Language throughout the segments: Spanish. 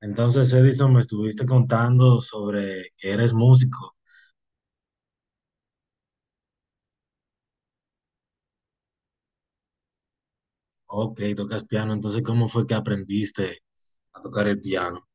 Entonces, Edison, me estuviste contando sobre que eres músico. Ok, tocas piano. Entonces, ¿cómo fue que aprendiste a tocar el piano?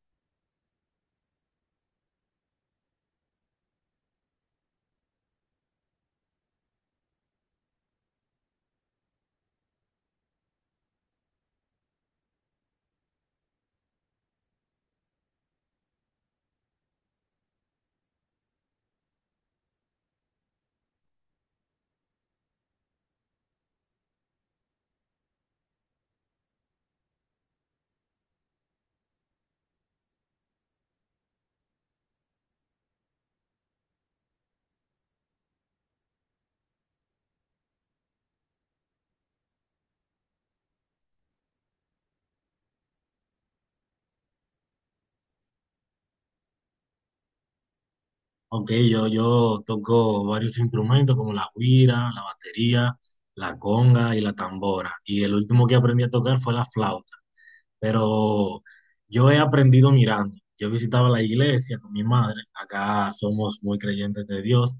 Ok, yo toco varios instrumentos como la güira, la batería, la conga y la tambora. Y el último que aprendí a tocar fue la flauta. Pero yo he aprendido mirando. Yo visitaba la iglesia con mi madre, acá somos muy creyentes de Dios,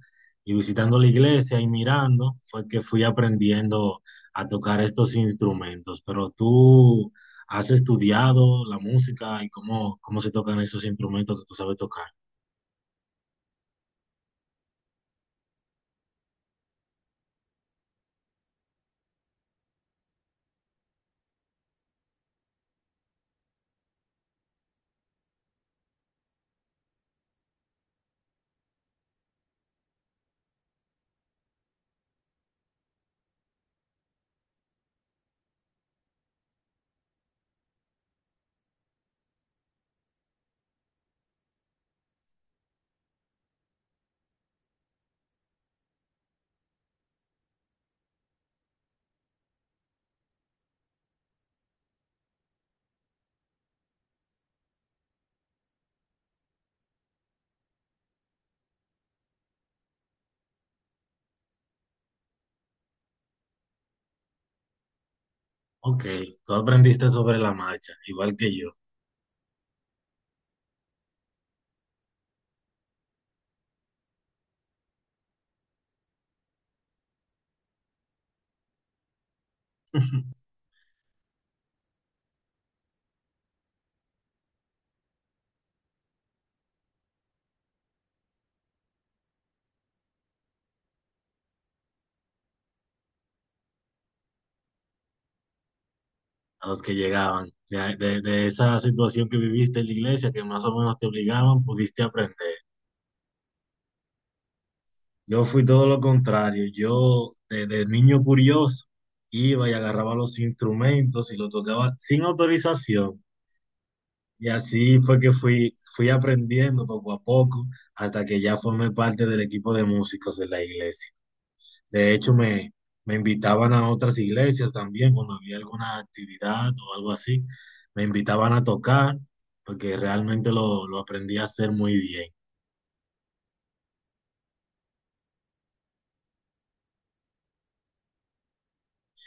y visitando la iglesia y mirando fue que fui aprendiendo a tocar estos instrumentos. Pero tú has estudiado la música y cómo se tocan esos instrumentos que tú sabes tocar. Ok, tú aprendiste sobre la marcha, igual que yo. A los que llegaban. De esa situación que viviste en la iglesia, que más o menos te obligaban, pudiste aprender. Yo fui todo lo contrario. Yo, desde niño curioso, iba y agarraba los instrumentos y los tocaba sin autorización. Y así fue que fui aprendiendo poco a poco hasta que ya formé parte del equipo de músicos de la iglesia. De hecho, me invitaban a otras iglesias también cuando había alguna actividad o algo así. Me invitaban a tocar porque realmente lo aprendí a hacer muy bien.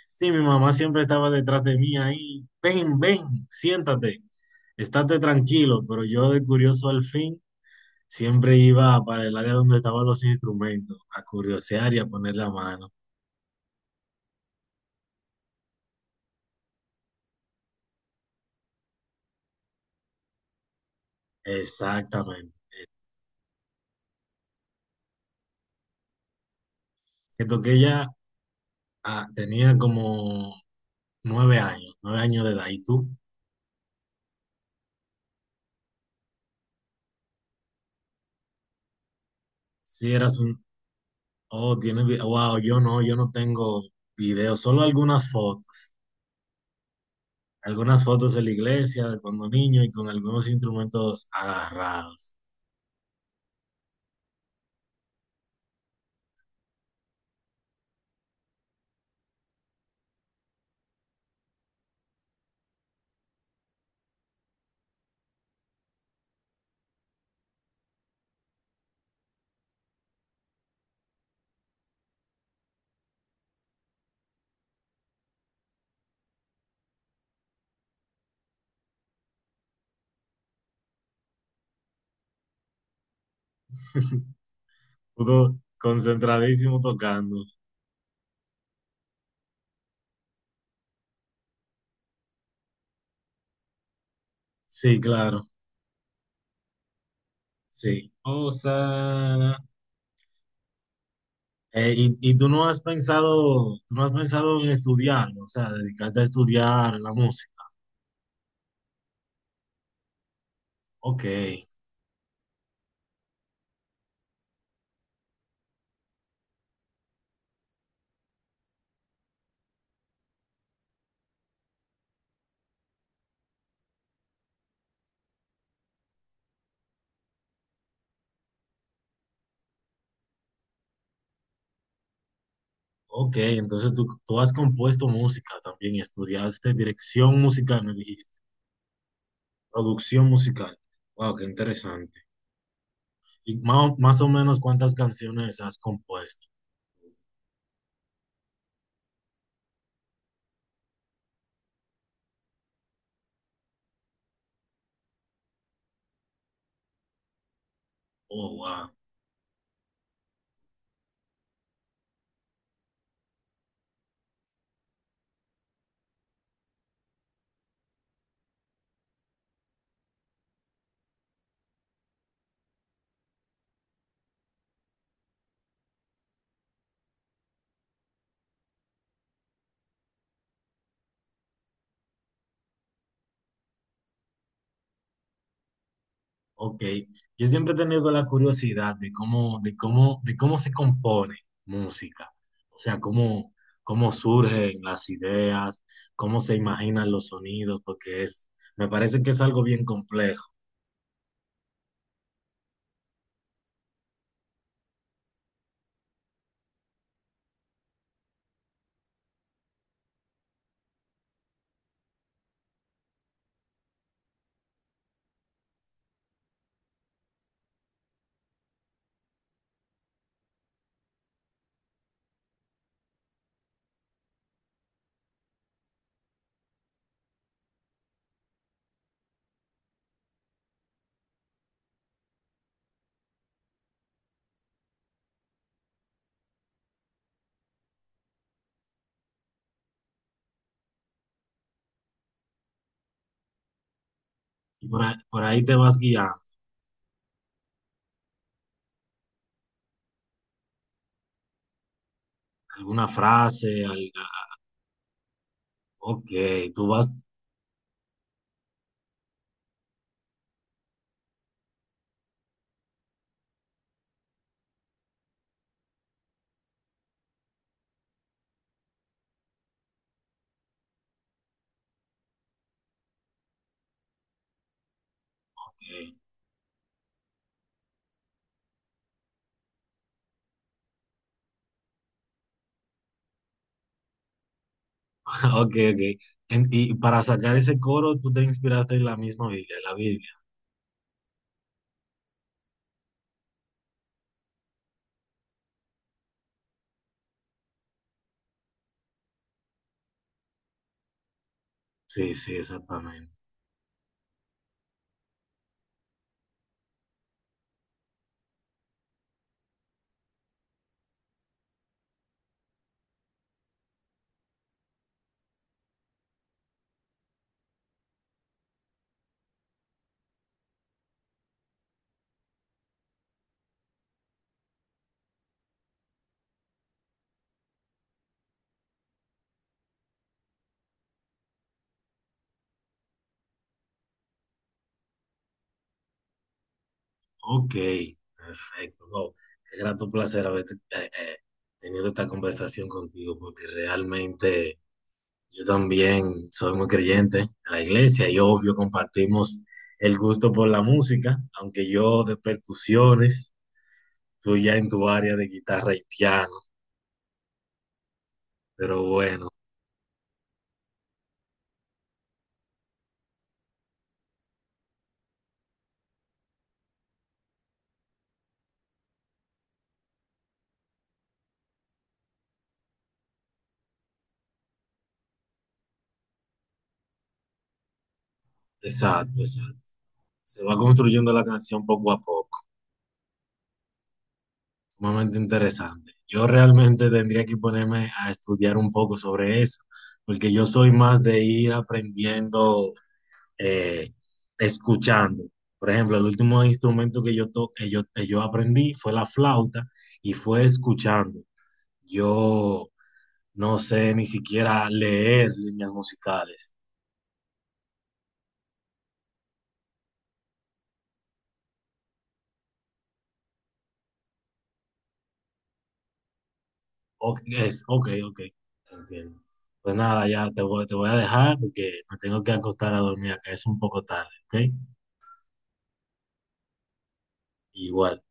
Sí, mi mamá siempre estaba detrás de mí ahí. Ven, ven, siéntate, estate tranquilo. Pero yo de curioso al fin siempre iba para el área donde estaban los instrumentos, a curiosear y a poner la mano. Exactamente. Que toqué ya, ah, tenía como 9 años, 9 años de edad. ¿Y tú? Sí, eras un... Oh, tienes... Wow, yo no tengo videos, solo algunas fotos. Algunas fotos de la iglesia, de cuando niño y con algunos instrumentos agarrados. Puto concentradísimo tocando. Sí, claro. Sí. Osana. Y, tú no has pensado, tú no has pensado en estudiarlo, o sea, dedicarte a estudiar la música. Ok, ok. Entonces tú has compuesto música también y estudiaste dirección musical, me dijiste. Producción musical. Wow, qué interesante. Y más, o- más o menos cuántas canciones has compuesto. Oh, wow. Ok, yo siempre he tenido la curiosidad de cómo, de cómo se compone música, o sea, cómo, cómo surgen las ideas, cómo se imaginan los sonidos, porque es, me parece que es algo bien complejo. Y por ahí te vas guiando, alguna frase, al, ok, tú vas, ok, ok. Ok. En- y para sacar ese coro, tú te inspiraste en la misma Biblia, la Biblia. Sí, sí, exactamente. Ok, perfecto. No, qué grato placer haber eh, eh, tenido esta conversación contigo, porque realmente yo también soy muy creyente en la iglesia y obvio compartimos el gusto por la música, aunque yo de percusiones, tú ya en tu área de guitarra y piano, pero bueno, exacto, exacto. Se va construyendo la canción poco a poco. Sumamente interesante. Yo realmente tendría que ponerme a estudiar un poco sobre eso, porque yo soy más de ir aprendiendo, eh, escuchando. Por ejemplo, el último instrumento que que que yo aprendí fue la flauta y fue escuchando. Yo no sé ni siquiera leer líneas musicales. Ok, es, ok, ok, entiendo. Pues nada, ya te voy a dejar porque me tengo que acostar a dormir acá, es un poco tarde, ¿ok? Igual.